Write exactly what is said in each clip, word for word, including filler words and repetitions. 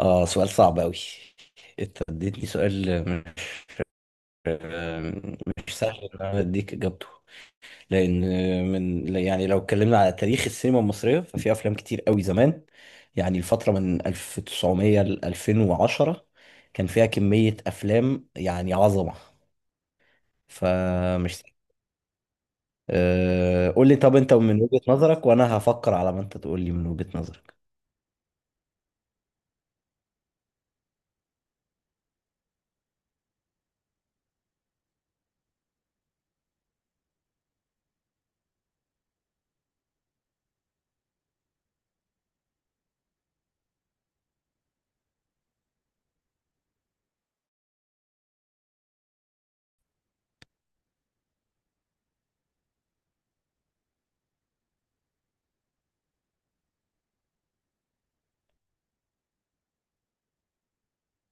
اه، سؤال صعب أوي. انت اديتني سؤال مش مش سهل ان انا اديك اجابته، لان من، يعني لو اتكلمنا على تاريخ السينما المصريه ففي افلام كتير أوي زمان. يعني الفتره من ألف وتسعمية ل ألفين وعشرة كان فيها كميه افلام يعني عظمه. فمش سهل. أه قول لي، طب انت من وجهه نظرك وانا هفكر على ما انت تقول لي من وجهه نظرك.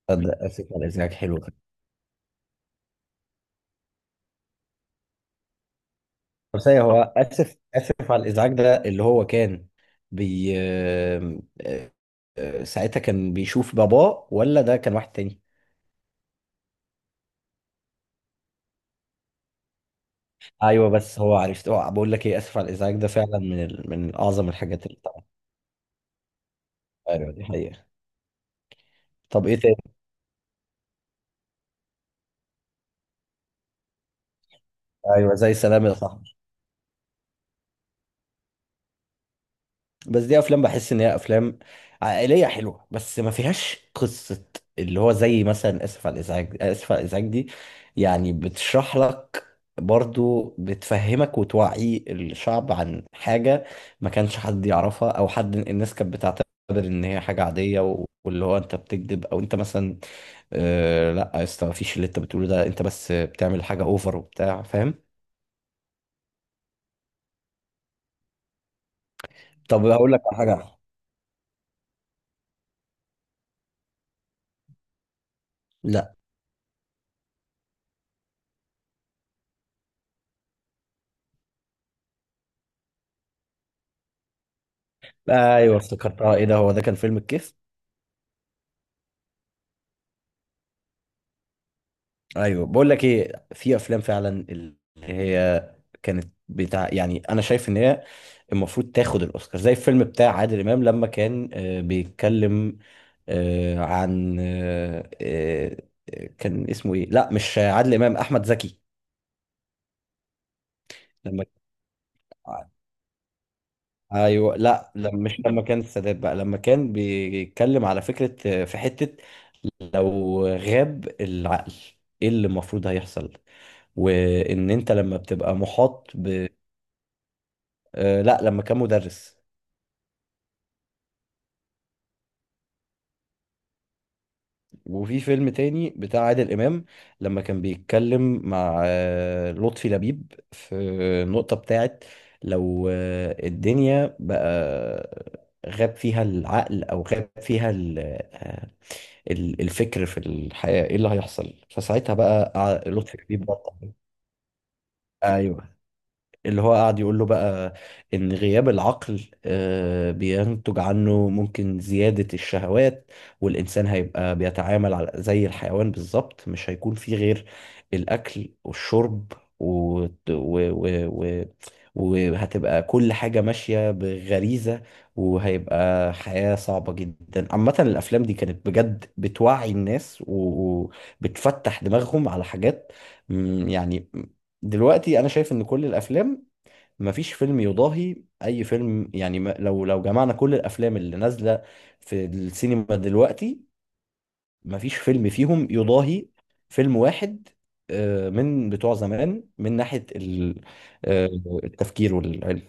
تصدق اسف على الازعاج حلو. طب ثانية، هو آسف آسف على الإزعاج ده اللي هو كان بي آه، آه، ساعتها كان بيشوف باباه ولا ده كان واحد تاني؟ أيوه، بس هو عرفت، أه بقول لك إيه، آسف على الإزعاج ده فعلا من ال... من أعظم الحاجات اللي طبعا. أيوه دي حقيقة. طب إيه تاني؟ أيوه زي سلام يا صاحبي. بس دي افلام بحس ان هي افلام عائليه حلوه بس ما فيهاش قصه، اللي هو زي مثلا اسف على الازعاج اسف على الازعاج دي يعني بتشرح لك، برضو بتفهمك وتوعي الشعب عن حاجه ما كانش حد يعرفها، او حد، الناس كانت بتعتبر ان هي حاجه عاديه و- واللي هو انت بتكذب، او انت مثلا آه لا يا اسطى، مفيش اللي انت بتقوله ده، انت بس بتعمل حاجه اوفر وبتاع، فاهم. طب هقول لك على حاجه. لا. ايوه افتكرتها، ايه ده؟ هو ده كان فيلم الكيف. ايوه، بقول لك ايه، في افلام فعلا اللي هي كانت بتاع، يعني انا شايف ان هي المفروض تاخد الاوسكار، زي الفيلم بتاع عادل امام لما كان آه، بيتكلم آه، عن آه، آه، كان اسمه ايه، لا مش عادل امام، احمد زكي. لما ايوه، لا لما، مش لما كان السادات بقى، لما كان بيتكلم على فكره آه، في حته، لو غاب العقل ايه اللي المفروض هيحصل، وان انت لما بتبقى محاط ب... آه، لا لما كان مدرس. وفي فيلم تاني بتاع عادل امام لما كان بيتكلم مع آه، لطفي لبيب في النقطه بتاعت لو آه، الدنيا بقى غاب فيها العقل او غاب فيها ال... آه، ال- الفكر في الحياة ايه اللي هيحصل؟ فساعتها بقى أع- لطفي لبيب بقى، ايوه، اللي هو قاعد يقول له بقى ان غياب العقل آه، بينتج عنه ممكن زيادة الشهوات، والانسان هيبقى بيتعامل على زي الحيوان بالظبط، مش هيكون فيه غير الاكل والشرب و... و... و... و... وهتبقى كل حاجة ماشية بغريزة، وهيبقى حياة صعبة جدا. عامة الأفلام دي كانت بجد بتوعي الناس و- وبتفتح دماغهم على حاجات، مم، يعني دلوقتي انا شايف ان كل الافلام، مفيش فيلم يضاهي اي فيلم. يعني ما- لو لو جمعنا كل الافلام اللي نازله في السينما دلوقتي مفيش فيلم فيهم يضاهي فيلم واحد آه، من بتوع زمان من ناحيه ال- آه، التفكير والعلم.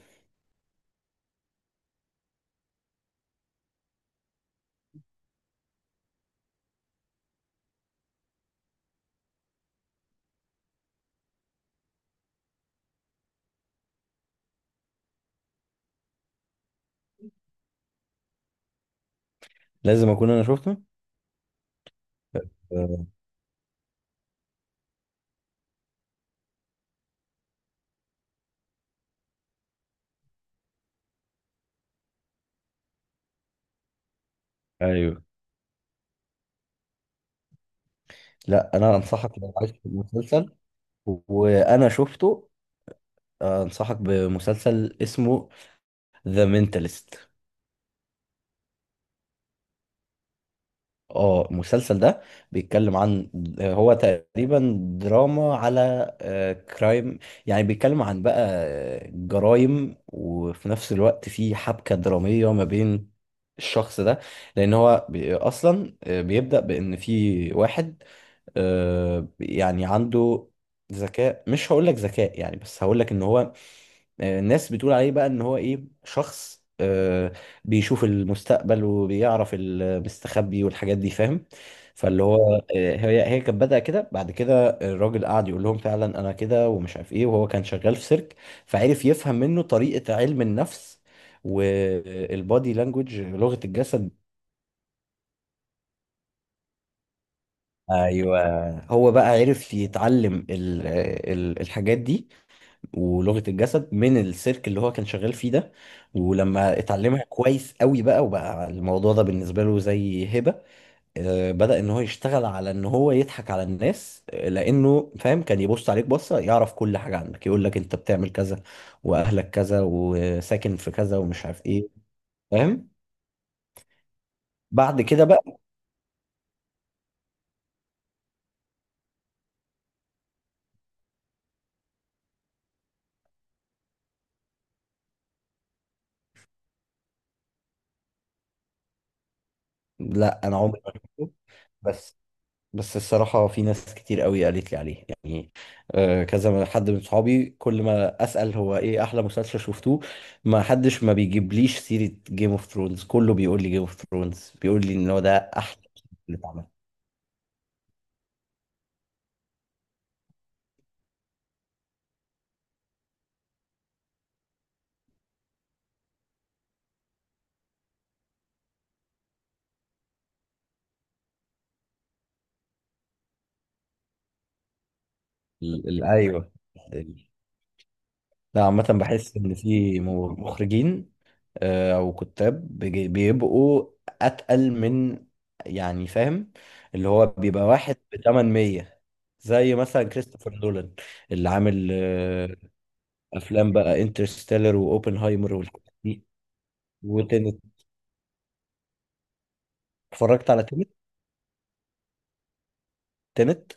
لازم اكون انا شفته. آه، ايوه. لا انا انصحك، لو عايز مسلسل وانا شفته آه، انصحك بمسلسل اسمه ذا مينتالست. اه المسلسل ده بيتكلم عن، هو تقريبا دراما على آه، كرايم، يعني بيتكلم عن بقى آه، جرائم، وفي نفس الوقت في حبكة درامية ما بين الشخص ده. لان هو بي- اصلا آه، بيبدأ بان في واحد آه، يعني عنده ذكاء، مش هقول لك ذكاء يعني، بس هقول لك ان هو آه، الناس بتقول عليه بقى ان هو ايه، شخص آه، بيشوف المستقبل وبيعرف المستخبي والحاجات دي، فاهم. فاللي هو مم. آه، هي هي كانت بدأ كده، بعد كده الراجل قعد يقول لهم فعلا انا كده ومش عارف ايه، وهو كان شغال في سيرك فعرف يفهم منه طريقة علم النفس والبادي لانجوج، لغة الجسد. ايوه، هو بقى عرف يتعلم ال ال الحاجات دي ولغة الجسد من السيرك اللي هو كان شغال فيه ده. ولما اتعلمها كويس قوي بقى وبقى الموضوع ده بالنسبة له زي هبة، آه، بدأ ان هو يشتغل على ان هو يضحك على الناس. آه، لانه فاهم، كان يبص عليك بصة يعرف كل حاجة عنك، يقول لك انت بتعمل كذا واهلك كذا وساكن في كذا ومش عارف ايه، فاهم. بعد كده بقى، لا انا عمري ما شفته. بس، بس الصراحة في ناس كتير قوي قالت لي عليه، يعني آه، كذا من- حد من صحابي كل ما أسأل هو إيه أحلى مسلسل شفتوه ما حدش ما بيجيبليش سيرة جيم اوف ثرونز، كله بيقول لي جيم اوف ثرونز، بيقول لي إن هو ده أحلى مسلسل اتعمل. ال- ال- أيوه ال- لا عامة بحس إن في م- مخرجين آه، أو كتاب بيجي- بيبقوا أتقل من، يعني فاهم، اللي هو بيبقى واحد ب تمنمية، زي مثلا كريستوفر نولان، اللي عامل آه، افلام بقى انترستيلر واوبنهايمر والحاجات دي، وتنت. اتفرجت على تنت. تنت.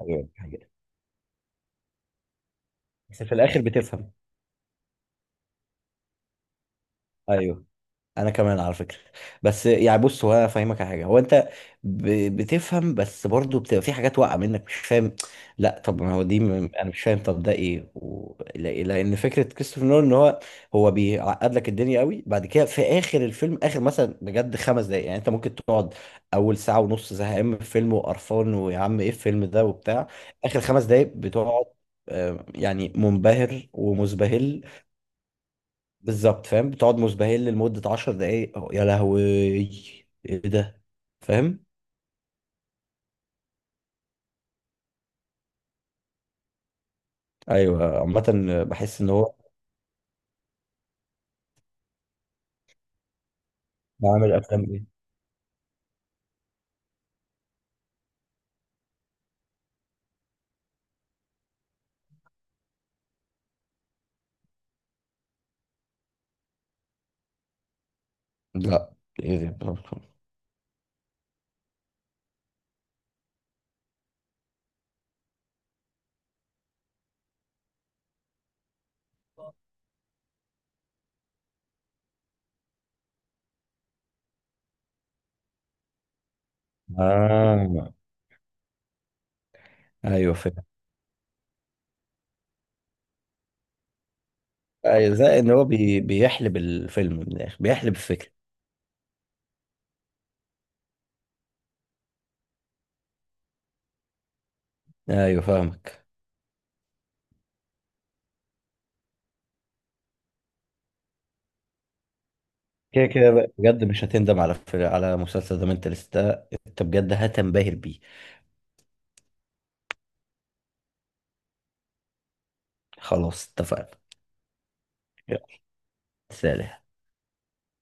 ايوه الحاجات، بس في الاخر بتفهم. ايوه، انا كمان على فكره. بس يعني بص، هو انا فاهمك على حاجه، هو انت ب- بتفهم، بس برضه بتبقى في حاجات واقعه منك مش فاهم. لا طب ما هو دي م- انا مش فاهم، طب ده ايه و... لا- لان فكره كريستوفر نولان ان هو، هو بيعقد لك الدنيا قوي، بعد كده في اخر الفيلم، اخر مثلا بجد خمس دقايق، يعني انت ممكن تقعد اول ساعه ونص زهقان من الفيلم وقرفان، ويا عم ايه الفيلم ده وبتاع. اخر خمس دقايق بتقعد آه، يعني منبهر ومزبهل. بالظبط فاهم، بتقعد مزبهل لمدة عشر دقايق، أهو، يا لهوي ايه ده، فاهم. ايوه عامة بحس ان هو بعمل افلام ايه. لا ايه ده برضه. آه. ايوه فاهم. ايوه زي ان هو بي... بيحلب الفيلم من الاخر، بيحلب الفكرة. ايوه فاهمك. كده كده بقى، بجد مش هتندم على فيلم- على مسلسل ذا منتلست ده، انت بجد هتنبهر بيه. خلاص اتفقنا. يلا سلام.